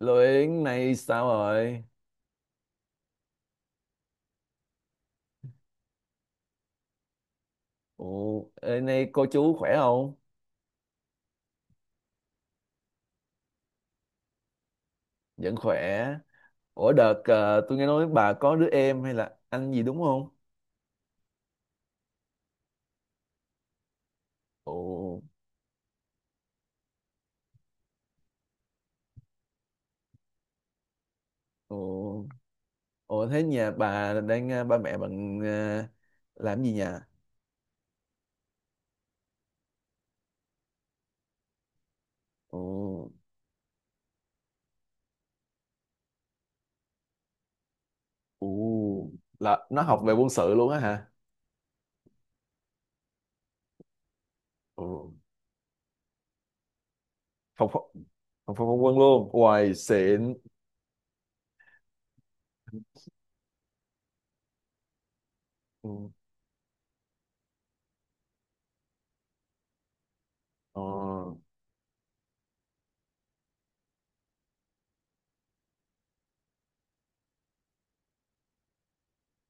Lô Yến nay sao rồi? Ủa, ê, nay cô chú khỏe không? Vẫn khỏe. Ủa đợt tôi nghe nói bà có đứa em hay là anh gì đúng không? Ủa, ủa, ủa, thế nhà bà đang ba mẹ bạn làm gì nhà? Ủa, ủa, là nó học về quân sự luôn á hả? Ủa, phòng phòng phòng không quân luôn. Hoài xịn. Ừ. Ờ.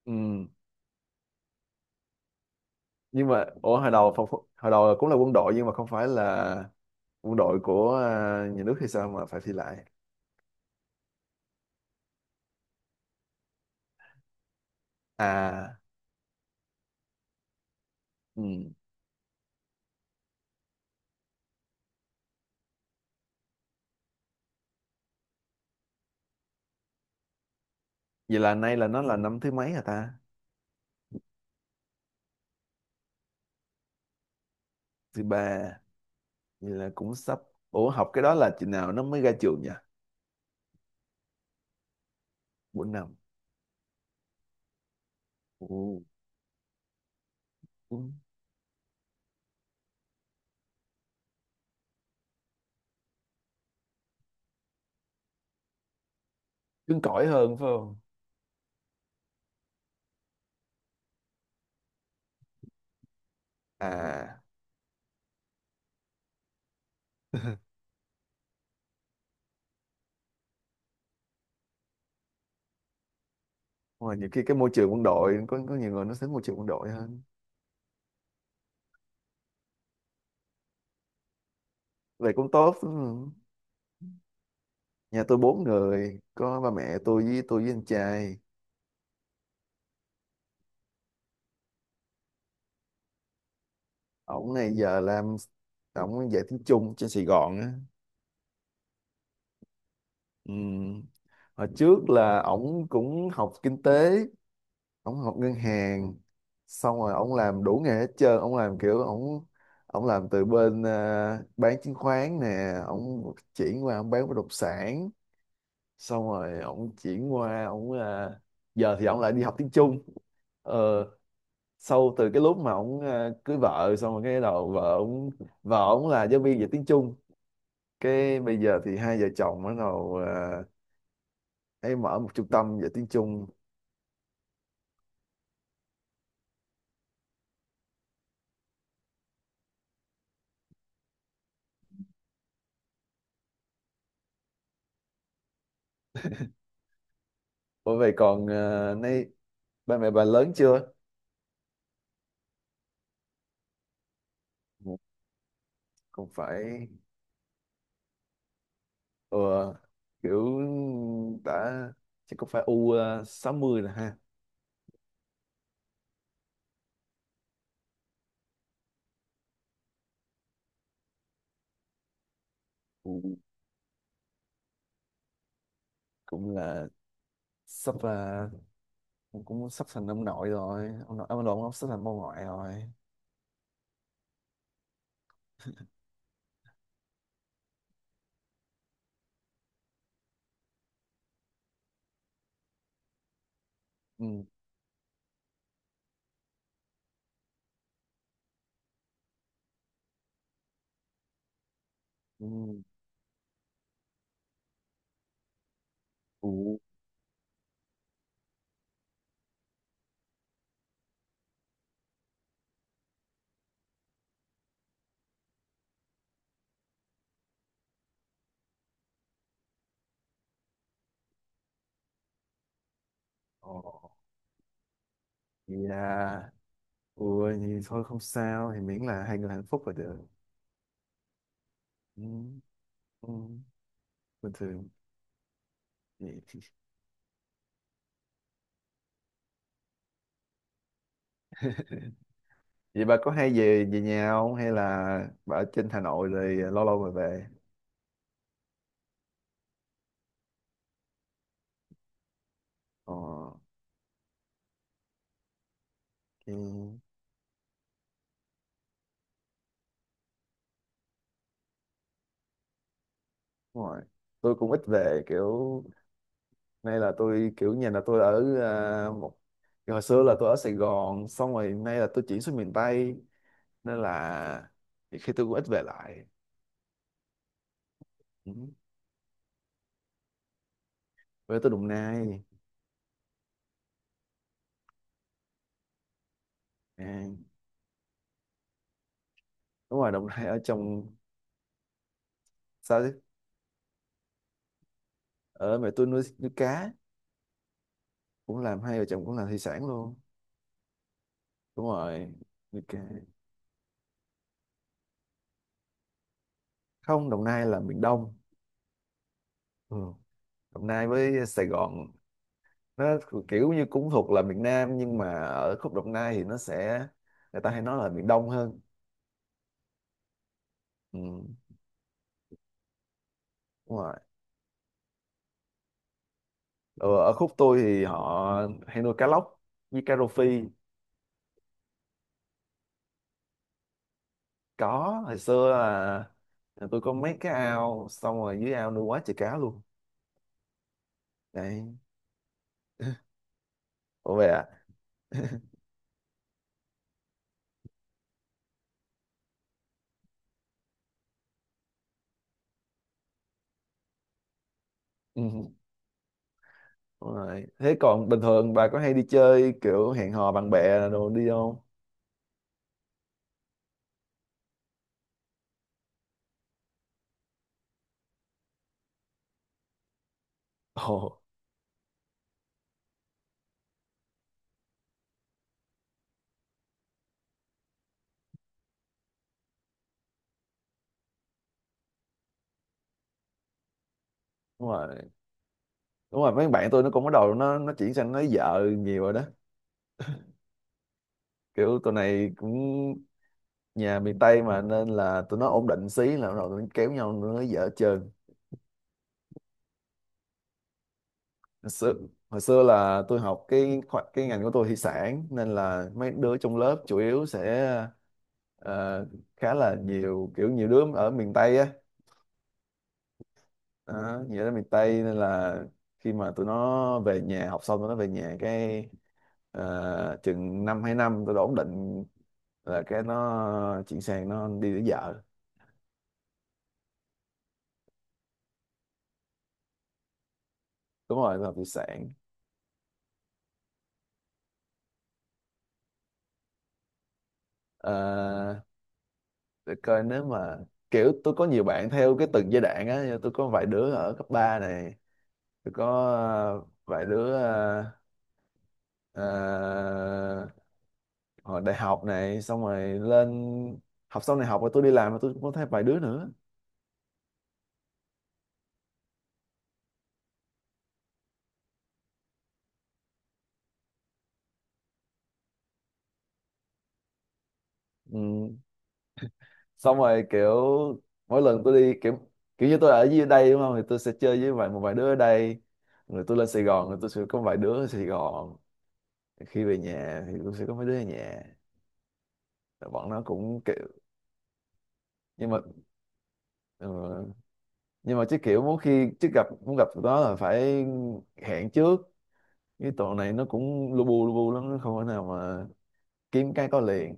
Ừ. Nhưng mà ủa hồi đầu phòng, phòng- hồi đầu cũng là quân đội nhưng mà không phải là quân đội của nhà nước hay sao mà phải thi lại à ừ. Vậy là nay là nó là năm thứ mấy hả ta? Thứ ba. Vậy là cũng sắp. Ủa học cái đó là chừng nào nó mới ra trường nhỉ? 4 năm. Ồ, cũng cứng cỏi hơn phải không à? Ngoài nhiều khi cái môi trường quân đội có nhiều người nó thích môi trường quân đội hơn. Vậy cũng tốt. Ừ. Nhà tôi bốn người, có ba mẹ tôi với anh trai. Ổng này giờ làm, ổng dạy tiếng Trung trên Sài Gòn á. Ừ. Hồi trước là ổng cũng học kinh tế, ổng học ngân hàng, xong rồi ổng làm đủ nghề hết trơn, ổng làm kiểu ổng ổng làm từ bên bán chứng khoán nè, ổng chuyển qua ổng bán bất động sản, xong rồi ổng chuyển qua ổng giờ thì ổng lại đi học tiếng Trung. Ờ, Sau từ cái lúc mà ổng cưới vợ xong rồi cái đầu vợ ổng, vợ ổng là giáo viên dạy tiếng Trung, cái bây giờ thì hai vợ chồng bắt đầu nay mở một trung tâm dạy tiếng Trung. Bởi vậy còn nay ba mẹ bà lớn chưa? Cũng phải ờ, kiểu đã chắc cũng phải u 60 rồi ha? Ừ, cũng là sắp cũng cũng sắp thành ông nội rồi, ông sắp thành bà ngoại rồi. Ừ. Ừ. Ừ. Ồ. Dạ. Ui thì thôi không sao thì miễn là hai người hạnh phúc là được. ừ, ừ, bình thường. Vậy. Vậy bà có hay về về nhà không hay là bà ở trên Hà Nội rồi lâu lâu mới về? Ờ. Ừ, đúng rồi tôi cũng ít về, kiểu nay là tôi kiểu nhà là tôi ở một hồi xưa là tôi ở Sài Gòn xong rồi nay là tôi chuyển xuống miền Tây nên là khi tôi cũng ít về lại. Ừ. Về tôi Đồng Nai. à, Đúng rồi Đồng Nai ở trong sao chứ. Ở mẹ tôi nuôi nuôi cá, cũng làm hai vợ chồng cũng làm thủy sản luôn. Đúng rồi, nuôi cá. Không, Đồng Nai là miền Đông. Ừ. Đồng Nai với Sài Gòn nó kiểu như cũng thuộc là miền Nam nhưng mà ở khúc Đồng Nai thì nó sẽ người ta hay nói là miền Đông hơn. Ừ, đúng rồi. Ờ, ở khúc tôi thì họ hay nuôi cá lóc với cá rô phi. Có, hồi xưa là tôi có mấy cái ao xong rồi dưới ao nuôi quá trời cá luôn. Đấy. Ủa vậy à? Ừ, đúng rồi. Thế còn bình thường bà có hay đi chơi kiểu hẹn hò bạn bè đồ đi không? Ồ. Đúng rồi. Đúng rồi mấy bạn tôi nó cũng bắt đầu nó chuyển sang nói vợ nhiều rồi đó, kiểu tụi này cũng nhà miền Tây mà nên là tụi nó ổn định xí là bắt đầu tụi nó kéo nhau nó nói vợ hết trơn. Hồi xưa, hồi xưa là tôi học cái cái ngành của tôi thủy sản nên là mấy đứa trong lớp chủ yếu sẽ ờ, khá là nhiều kiểu nhiều đứa ở miền Tây á, đó, nghĩa là miền Tây nên là khi mà tụi nó về nhà học xong tụi nó về nhà cái chừng năm hai năm tụi nó ổn định là cái nó chuyển sang nó đi lấy vợ. Đúng rồi nó học thủy sản. Ờ, để coi nếu mà kiểu tôi có nhiều bạn theo cái từng giai đoạn á, tôi có vài đứa ở cấp 3 này, tôi có vài đứa ờ, hồi đại học này xong rồi lên học xong này học rồi tôi đi làm rồi tôi cũng có thấy vài đứa nữa. Ừ. Xong rồi kiểu mỗi lần tôi đi kiểu kiểu như tôi ở dưới đây đúng không thì tôi sẽ chơi với một vài đứa ở đây rồi tôi lên Sài Gòn rồi tôi sẽ có vài đứa ở Sài Gòn khi về nhà thì tôi sẽ có mấy đứa ở nhà. Rồi bọn nó cũng kiểu nhưng mà ờ, nhưng mà chứ kiểu muốn khi chứ gặp muốn gặp tụi nó là phải hẹn trước cái tụi này nó cũng lu bu lắm nó không thể nào mà kiếm cái có liền.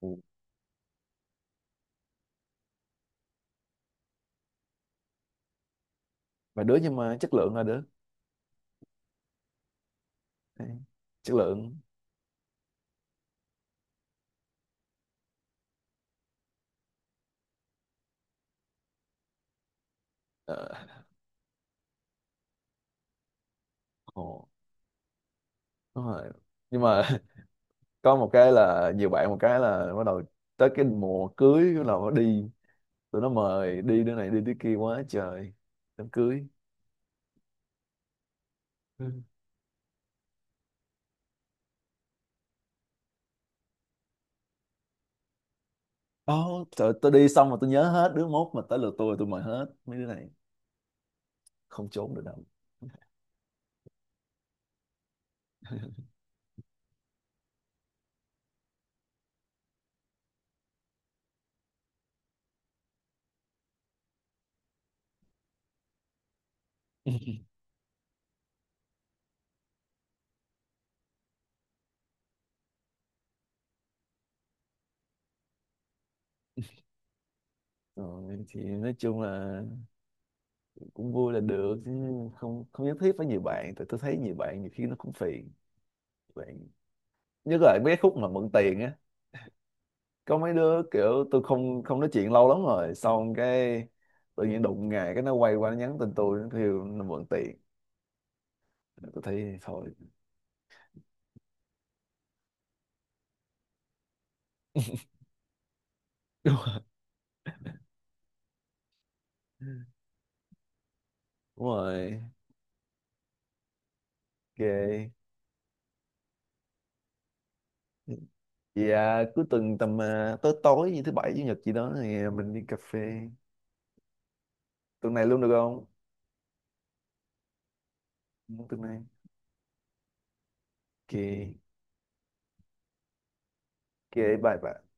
Ừ. Vài đứa nhưng mà chất lượng là đứa. Đấy, chất lượng. Ờ, ồ đúng rồi nhưng mà có một cái là nhiều bạn một cái là bắt đầu tới cái mùa cưới bắt đầu đi tụi nó mời đi đứa này đi đứa kia quá trời đám cưới. Ừ. Ồ, trời, tôi đi xong mà tôi nhớ hết đứa mốt mà tới lượt tôi mời hết mấy đứa này, không trốn được đâu. Rồi thì nói chung là cũng vui là được chứ không không nhất thiết phải nhiều bạn tại tôi thấy nhiều bạn nhiều khi nó cũng phiền bạn nhất là mấy cái khúc mà mượn tiền á có mấy đứa kiểu tôi không không nói chuyện lâu lắm rồi xong cái tự nhiên đụng ngày cái nó quay qua nó nhắn tin tôi nó kêu nó mượn tiền tôi thấy thôi. Đúng rồi. Đúng rồi. OK. Vậy à, cuối tuần tầm tối tối như thứ bảy chủ nhật gì đó thì mình đi cà phê. Tuần này luôn được không? Ừ, tuần này. OK. OK. Bye bye.